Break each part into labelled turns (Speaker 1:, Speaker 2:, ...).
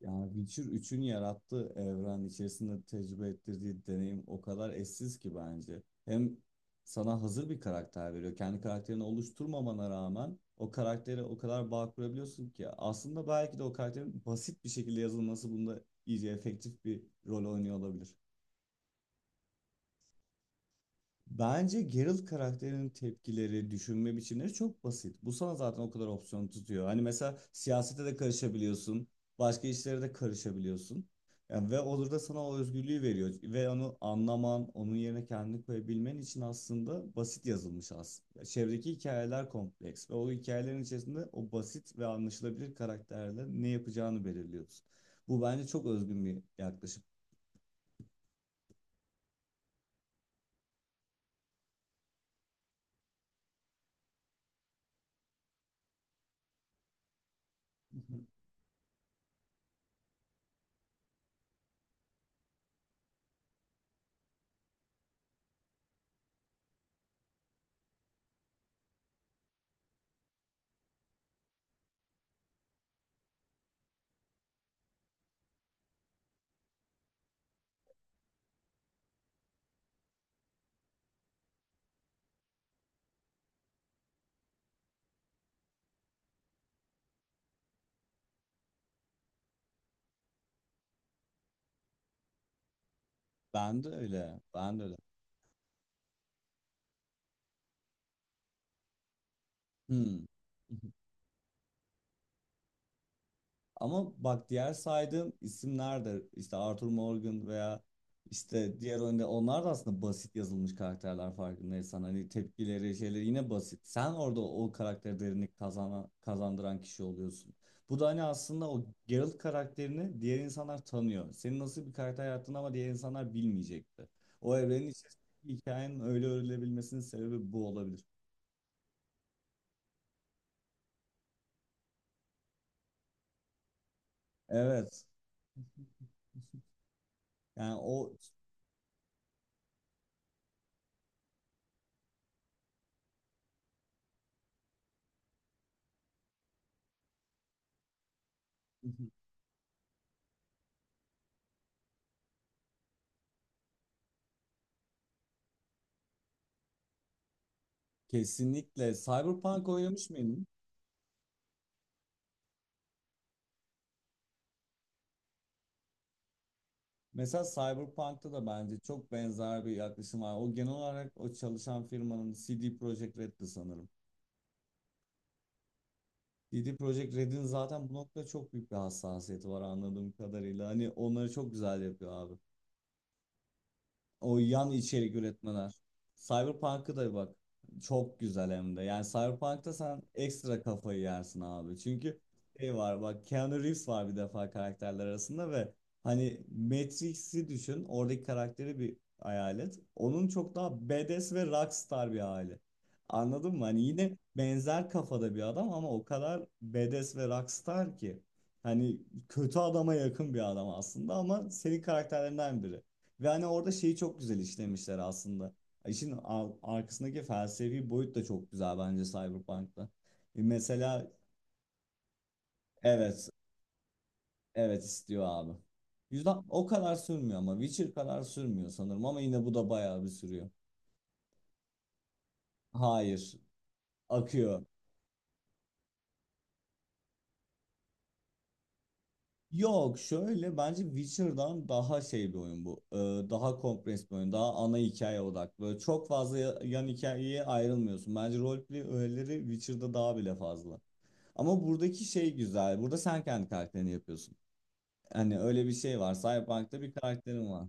Speaker 1: Yani Witcher üçün yarattığı evren içerisinde tecrübe ettirdiği deneyim o kadar eşsiz ki bence. Hem sana hazır bir karakter veriyor. Kendi karakterini oluşturmamana rağmen o karaktere o kadar bağ kurabiliyorsun ki. Aslında belki de o karakterin basit bir şekilde yazılması bunda iyice efektif bir rol oynuyor olabilir. Bence Geralt karakterinin tepkileri, düşünme biçimleri çok basit. Bu sana zaten o kadar opsiyon tutuyor. Hani mesela siyasete de karışabiliyorsun, başka işlere de karışabiliyorsun. Yani ve olur da sana o özgürlüğü veriyor. Ve onu anlaman, onun yerine kendini koyabilmen için aslında basit yazılmış aslında. Çevredeki hikayeler kompleks ve o hikayelerin içerisinde o basit ve anlaşılabilir karakterle ne yapacağını belirliyorsun. Bu bence çok özgün bir yaklaşım. Ben de öyle, ben de öyle. Hmm. Ama bak diğer saydığım isimler de işte Arthur Morgan veya işte diğer önde onlar da aslında basit yazılmış karakterler farkındaysan hani tepkileri şeyleri yine basit. Sen orada o karaktere derinlik kazandıran kişi oluyorsun. Bu da hani aslında o Geralt karakterini diğer insanlar tanıyor. Senin nasıl bir karakter yarattığını ama diğer insanlar bilmeyecekti. O evrenin içerisindeki hikayenin öyle örülebilmesinin sebebi bu olabilir. Evet. Yani o kesinlikle. Cyberpunk oynamış mıydın? Mesela Cyberpunk'ta da bence çok benzer bir yaklaşım var. O genel olarak o çalışan firmanın CD Projekt Red'di sanırım. CD Projekt Red'in zaten bu noktada çok büyük bir hassasiyeti var anladığım kadarıyla. Hani onları çok güzel yapıyor abi. O yan içerik üretmeler. Cyberpunk'a da bak. Çok güzel hem de. Yani Cyberpunk'ta sen ekstra kafayı yersin abi. Çünkü şey var bak Keanu Reeves var bir defa karakterler arasında ve hani Matrix'i düşün. Oradaki karakteri bir hayal et. Onun çok daha badass ve rockstar bir hali. Anladın mı? Hani yine benzer kafada bir adam ama o kadar badass ve rockstar ki. Hani kötü adama yakın bir adam aslında ama senin karakterlerinden biri. Ve hani orada şeyi çok güzel işlemişler aslında. İşin arkasındaki felsefi boyut da çok güzel bence Cyberpunk'ta. Mesela evet, evet istiyor abi. Yüzde o kadar sürmüyor ama Witcher kadar sürmüyor sanırım ama yine bu da bayağı bir sürüyor. Hayır, akıyor. Yok şöyle bence Witcher'dan daha şey bir oyun bu. Daha kompres bir oyun. Daha ana hikaye odaklı. Böyle çok fazla yan hikayeye ayrılmıyorsun. Bence roleplay öğeleri Witcher'da daha bile fazla. Ama buradaki şey güzel. Burada sen kendi karakterini yapıyorsun. Hani öyle bir şey var. Cyberpunk'ta bir karakterin var.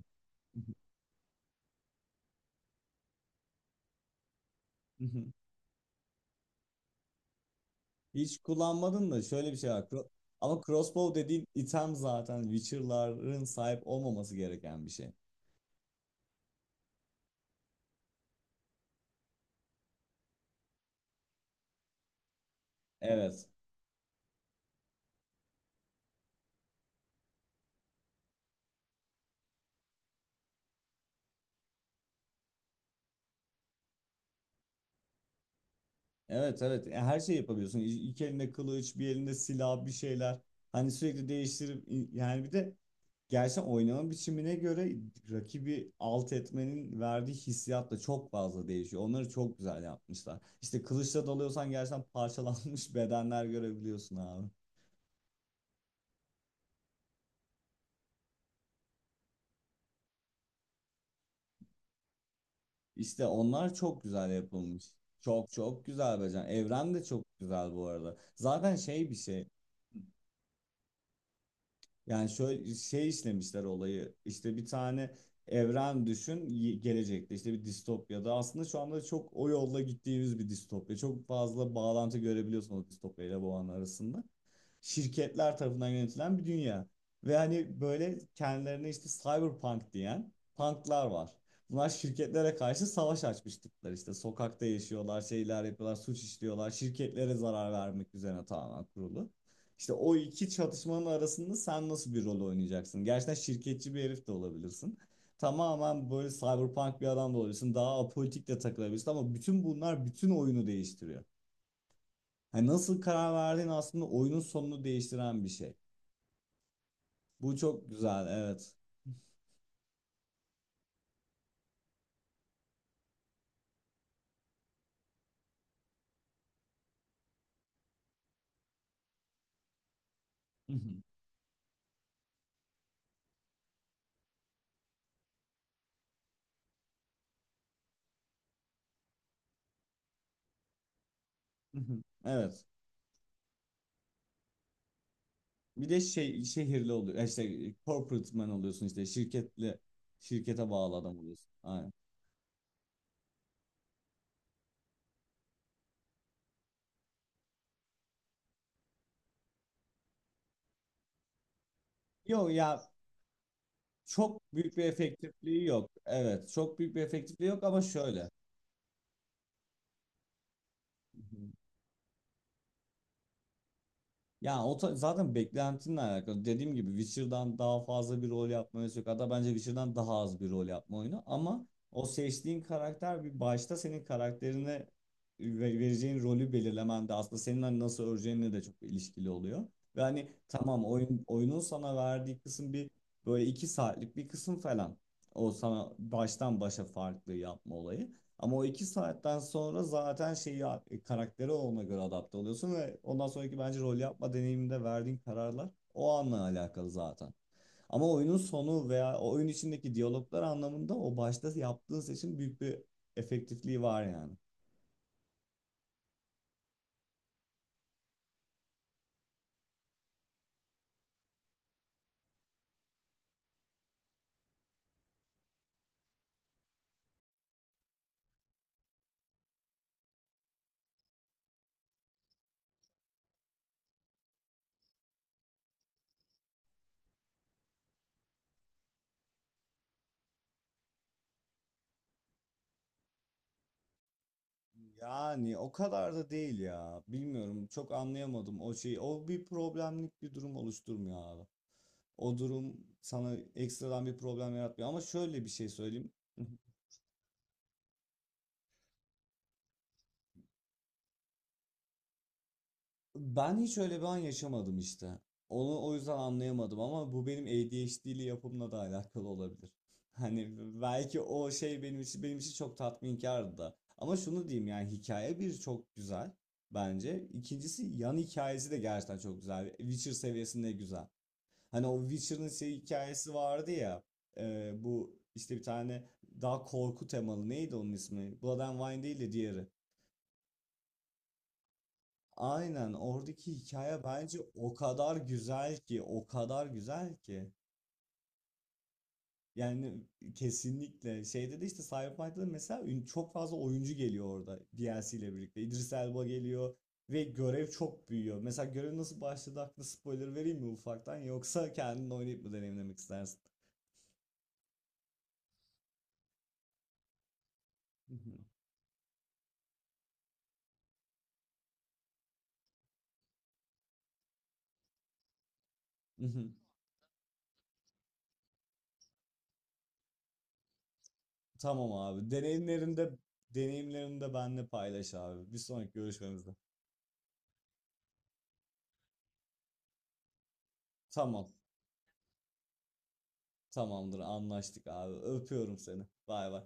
Speaker 1: Hiç kullanmadın da şöyle bir şey var. Cro- ama crossbow dediğin item zaten Witcher'ların sahip olmaması gereken bir şey. Evet. Evet, evet ya her şey yapabiliyorsun. İki elinde kılıç, bir elinde silah, bir şeyler. Hani sürekli değiştirip yani bir de gerçekten oynama biçimine göre rakibi alt etmenin verdiği hissiyat da çok fazla değişiyor. Onları çok güzel yapmışlar. İşte kılıçla dalıyorsan gerçekten parçalanmış bedenler görebiliyorsun abi. İşte onlar çok güzel yapılmış. Çok çok güzel becer. Evren de çok güzel bu arada. Zaten şey bir şey. Yani şöyle şey işlemişler olayı. İşte bir tane evren düşün gelecekte işte bir distopyada. Aslında şu anda çok o yolla gittiğimiz bir distopya. Çok fazla bağlantı görebiliyorsun o distopya ile bu an arasında. Şirketler tarafından yönetilen bir dünya. Ve hani böyle kendilerine işte cyberpunk diyen punklar var. Bunlar şirketlere karşı savaş açmış tipler işte. Sokakta yaşıyorlar, şeyler yapıyorlar, suç işliyorlar. Şirketlere zarar vermek üzerine tamamen kurulu. İşte o iki çatışmanın arasında sen nasıl bir rol oynayacaksın? Gerçekten şirketçi bir herif de olabilirsin. Tamamen böyle cyberpunk bir adam da olabilirsin. Daha apolitik de takılabilirsin ama bütün bunlar bütün oyunu değiştiriyor. Hani nasıl karar verdiğin aslında oyunun sonunu değiştiren bir şey. Bu çok güzel, evet. Evet. Bir de şey şehirli oluyor. İşte corporate man oluyorsun işte şirkete bağlı adam oluyorsun. Aynen. Yok ya, çok büyük bir efektifliği yok. Evet, çok büyük bir efektifliği yok ama şöyle. Ya zaten beklentinle alakalı. Dediğim gibi Witcher'dan daha fazla bir rol yapma oyunu yok. Hatta bence Witcher'dan daha az bir rol yapma oyunu. Ama o seçtiğin karakter bir başta senin karakterine vereceğin rolü belirlemen de aslında senin hani nasıl öreceğinle de çok ilişkili oluyor. Ve hani tamam oyunun sana verdiği kısım bir böyle iki saatlik bir kısım falan. O sana baştan başa farklı yapma olayı. Ama o iki saatten sonra zaten şeyi karakteri ona göre adapte oluyorsun ve ondan sonraki bence rol yapma deneyiminde verdiğin kararlar o anla alakalı zaten. Ama oyunun sonu veya o oyun içindeki diyaloglar anlamında o başta yaptığın seçim büyük bir efektifliği var yani. Yani o kadar da değil ya. Bilmiyorum çok anlayamadım o şeyi. O bir problemlik bir durum oluşturmuyor abi. O durum sana ekstradan bir problem yaratmıyor. Ama şöyle bir şey söyleyeyim. Ben hiç öyle bir an yaşamadım işte. Onu o yüzden anlayamadım ama bu benim ADHD'li yapımla da alakalı olabilir. Hani belki o şey benim için çok tatminkardı da. Ama şunu diyeyim yani hikaye bir çok güzel bence. İkincisi yan hikayesi de gerçekten çok güzel. Witcher seviyesinde güzel. Hani o Witcher'ın şey hikayesi vardı ya. Bu işte bir tane daha korku temalı neydi onun ismi? Blood and Wine değil de diğeri. Aynen oradaki hikaye bence o kadar güzel ki, o kadar güzel ki. Yani kesinlikle şeyde de işte Cyberpunk'ta da mesela çok fazla oyuncu geliyor orada DLC ile birlikte. İdris Elba geliyor ve görev çok büyüyor. Mesela görev nasıl başladı hakkında spoiler vereyim mi ufaktan yoksa kendin oynayıp mı deneyimlemek istersin? Hı hı. Tamam abi. Deneyimlerinde benimle paylaş abi. Bir sonraki görüşmemizde. Tamam. Tamamdır anlaştık abi. Öpüyorum seni. Bay bay.